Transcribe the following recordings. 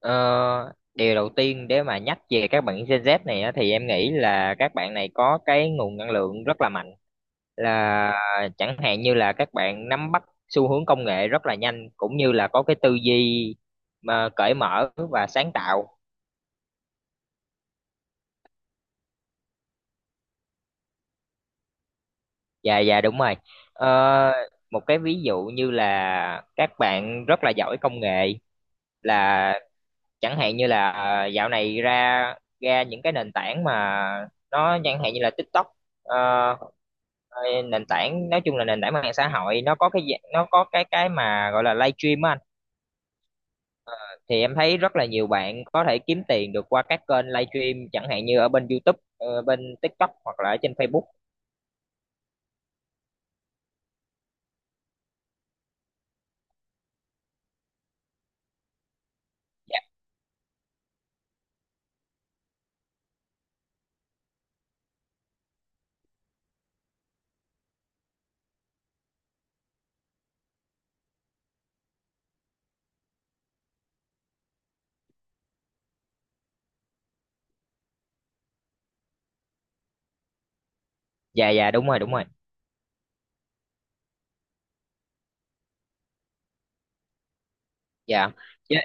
Ờ, Điều đầu tiên để mà nhắc về các bạn Gen Z này á, thì em nghĩ là các bạn này có cái nguồn năng lượng rất là mạnh là chẳng hạn như là các bạn nắm bắt xu hướng công nghệ rất là nhanh cũng như là có cái tư duy mà cởi mở và sáng tạo. Dạ dạ đúng rồi. Ờ, Một cái ví dụ như là các bạn rất là giỏi công nghệ là chẳng hạn như là dạo này ra ra những cái nền tảng mà nó chẳng hạn như là TikTok. ờ, Rồi nền tảng, nói chung là nền tảng mạng xã hội, nó có cái nó có cái mà gọi là live stream á anh, thì em thấy rất là nhiều bạn có thể kiếm tiền được qua các kênh live stream chẳng hạn như ở bên YouTube, bên TikTok hoặc là ở trên Facebook. Dạ dạ dạ, đúng rồi đúng rồi. Dạ, với,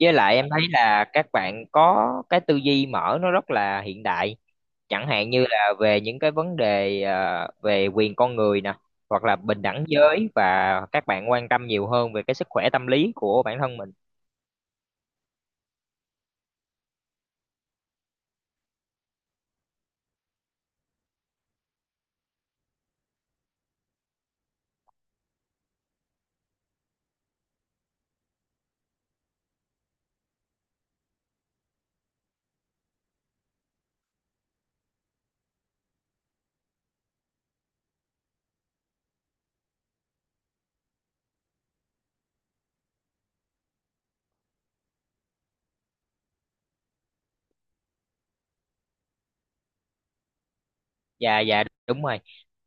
với lại em thấy là các bạn có cái tư duy mở, nó rất là hiện đại, chẳng hạn như là về những cái vấn đề về quyền con người nè, hoặc là bình đẳng giới, và các bạn quan tâm nhiều hơn về cái sức khỏe tâm lý của bản thân mình. Dạ dạ đúng rồi.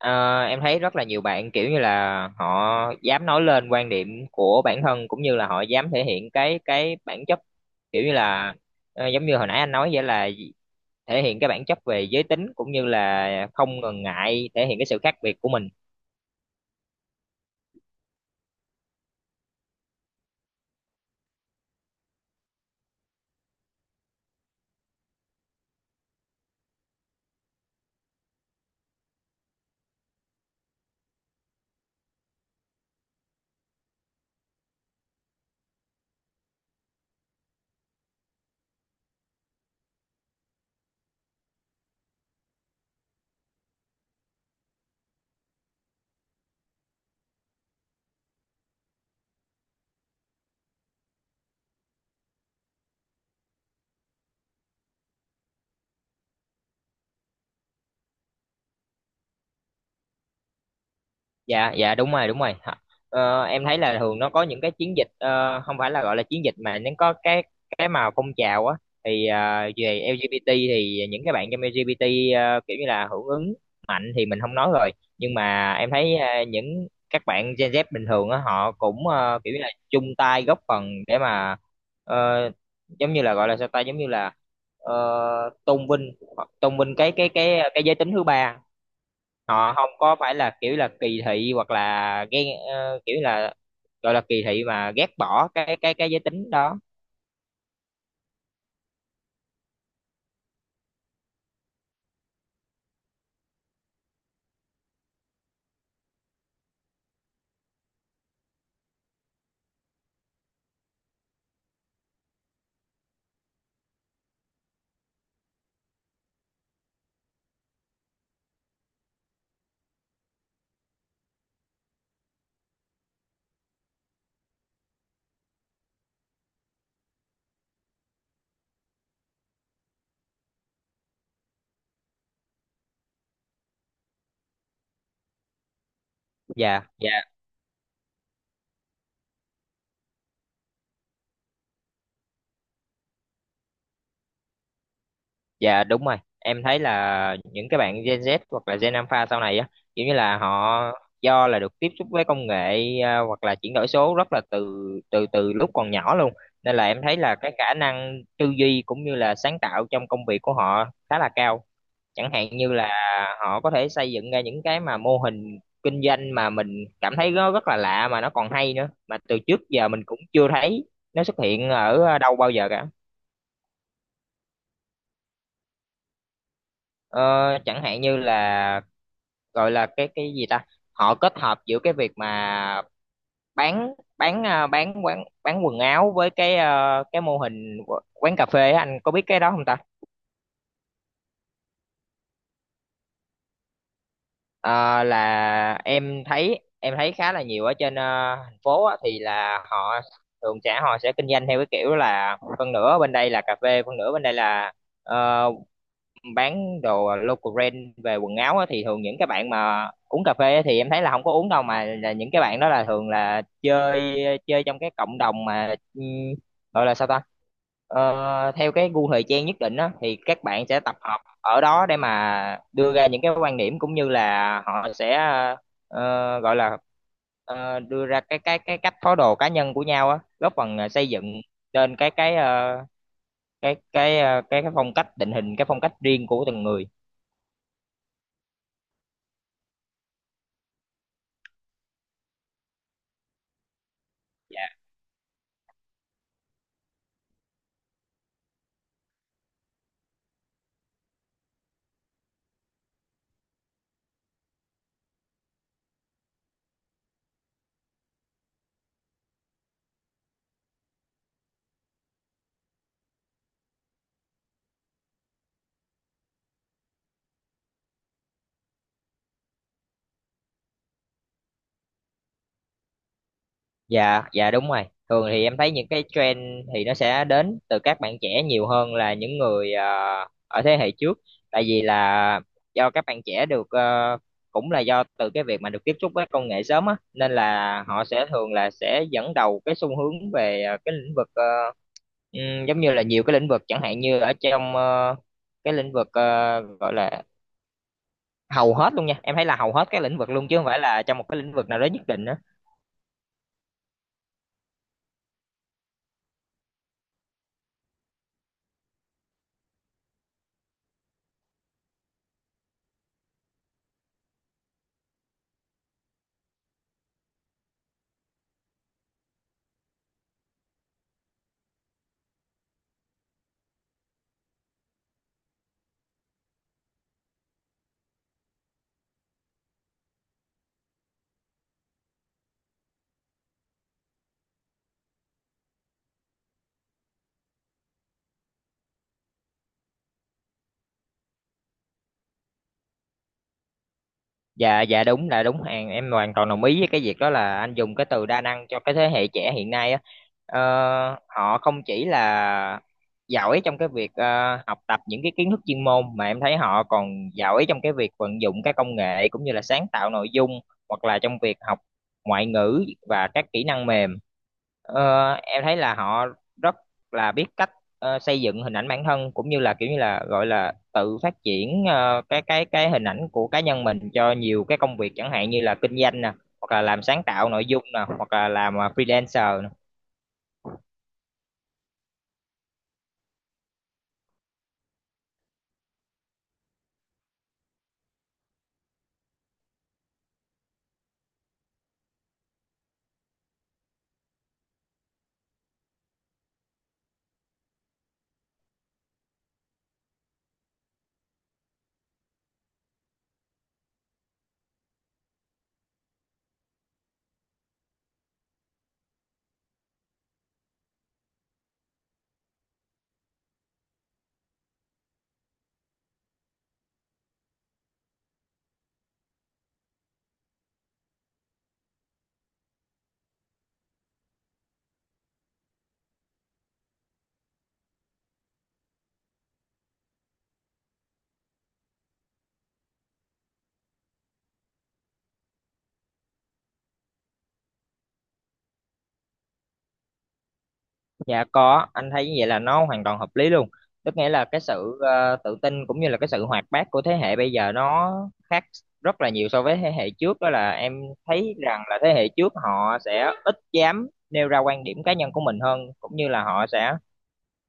Em thấy rất là nhiều bạn kiểu như là họ dám nói lên quan điểm của bản thân, cũng như là họ dám thể hiện cái bản chất, kiểu như là giống như hồi nãy anh nói vậy, là thể hiện cái bản chất về giới tính, cũng như là không ngần ngại thể hiện cái sự khác biệt của mình. Dạ dạ đúng rồi đúng rồi. Hả? Em thấy là thường nó có những cái chiến dịch, không phải là gọi là chiến dịch, mà nó có cái mà phong trào á, thì về LGBT thì những cái bạn trong LGBT kiểu như là hưởng ứng mạnh thì mình không nói rồi, nhưng mà em thấy những các bạn Gen Z bình thường á họ cũng kiểu như là chung tay góp phần để mà ờ, giống như là gọi là sao ta, giống như là ờ, tôn vinh tôn vinh cái giới tính thứ ba. Họ không có phải là kiểu là kỳ thị, hoặc là ghen, kiểu là gọi là kỳ thị mà ghét bỏ cái giới tính đó. Dạ dạ dạ đúng rồi, em thấy là những cái bạn Gen Z hoặc là Gen Alpha sau này á kiểu như là họ do là được tiếp xúc với công nghệ, à, hoặc là chuyển đổi số rất là từ từ từ lúc còn nhỏ luôn, nên là em thấy là cái khả năng tư duy cũng như là sáng tạo trong công việc của họ khá là cao, chẳng hạn như là họ có thể xây dựng ra những cái mà mô hình kinh doanh mà mình cảm thấy nó rất là lạ mà nó còn hay nữa, mà từ trước giờ mình cũng chưa thấy nó xuất hiện ở đâu bao giờ cả. ờ, Chẳng hạn như là gọi là cái gì ta, họ kết hợp giữa cái việc mà bán à, bán quần áo với cái cái mô hình quán cà phê á, anh có biết cái đó không ta? Ờ, là em thấy, em thấy khá là nhiều ở trên, thành phố á, thì là họ thường sẽ họ sẽ kinh doanh theo cái kiểu là phân nửa bên đây là cà phê, phân nửa bên đây là ờ, bán đồ local brand về quần áo á, thì thường những cái bạn mà uống cà phê á, thì em thấy là không có uống đâu, mà là những cái bạn đó là thường là chơi chơi trong cái cộng đồng mà, ừ, gọi là sao ta, theo cái gu thời trang nhất định á, thì các bạn sẽ tập hợp ở đó để mà đưa ra những cái quan điểm cũng như là họ sẽ gọi là đưa ra cái cách thói đồ cá nhân của nhau á, góp phần xây dựng lên cái cái cái phong cách, định hình cái phong cách riêng của từng người. Dạ. Dạ dạ đúng rồi, thường thì em thấy những cái trend thì nó sẽ đến từ các bạn trẻ nhiều hơn là những người ở thế hệ trước, tại vì là do các bạn trẻ được, cũng là do từ cái việc mà được tiếp xúc với công nghệ sớm á, nên là họ sẽ thường là sẽ dẫn đầu cái xu hướng về cái lĩnh vực, giống như là nhiều cái lĩnh vực, chẳng hạn như ở trong cái lĩnh vực gọi là, hầu hết luôn nha, em thấy là hầu hết các lĩnh vực luôn, chứ không phải là trong một cái lĩnh vực nào đó nhất định á. Dạ dạ đúng là đúng hàng, em hoàn toàn đồng ý với cái việc đó, là anh dùng cái từ đa năng cho cái thế hệ trẻ hiện nay á. ờ, Họ không chỉ là giỏi trong cái việc học tập những cái kiến thức chuyên môn, mà em thấy họ còn giỏi trong cái việc vận dụng các công nghệ cũng như là sáng tạo nội dung, hoặc là trong việc học ngoại ngữ và các kỹ năng mềm. Em thấy là họ rất là biết cách xây dựng hình ảnh bản thân, cũng như là kiểu như là gọi là tự phát triển cái hình ảnh của cá nhân mình cho nhiều cái công việc, chẳng hạn như là kinh doanh nè, hoặc là làm sáng tạo nội dung nè, hoặc là làm freelancer. Dạ có, anh thấy như vậy là nó hoàn toàn hợp lý luôn. Tức nghĩa là cái sự tự tin cũng như là cái sự hoạt bát của thế hệ bây giờ nó khác rất là nhiều so với thế hệ trước, đó là em thấy rằng là thế hệ trước họ sẽ ít dám nêu ra quan điểm cá nhân của mình hơn, cũng như là họ sẽ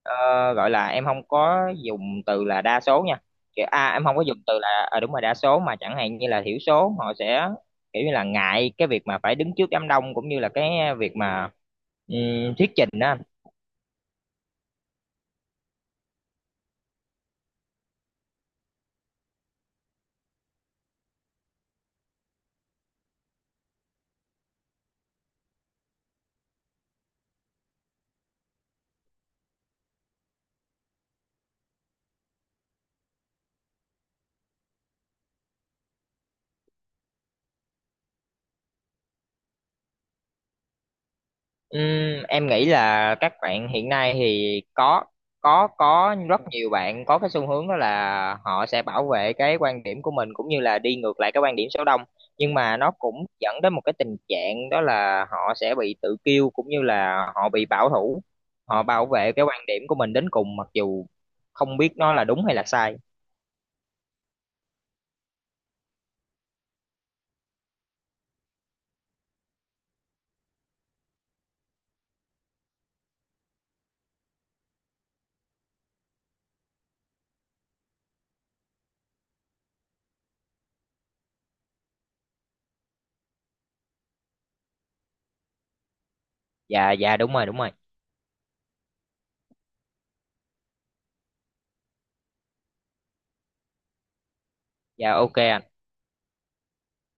ờ, gọi là, em không có dùng từ là đa số nha. Kiểu em không có dùng từ là, đúng rồi, đa số, mà chẳng hạn như là thiểu số, họ sẽ kiểu như là ngại cái việc mà phải đứng trước đám đông, cũng như là cái việc mà thuyết trình đó. Ừm, em nghĩ là các bạn hiện nay thì có rất nhiều bạn có cái xu hướng đó là họ sẽ bảo vệ cái quan điểm của mình cũng như là đi ngược lại cái quan điểm số đông, nhưng mà nó cũng dẫn đến một cái tình trạng đó là họ sẽ bị tự kiêu cũng như là họ bị bảo thủ, họ bảo vệ cái quan điểm của mình đến cùng mặc dù không biết nó là đúng hay là sai. Dạ dạ đúng rồi đúng rồi. Dạ ok ạ.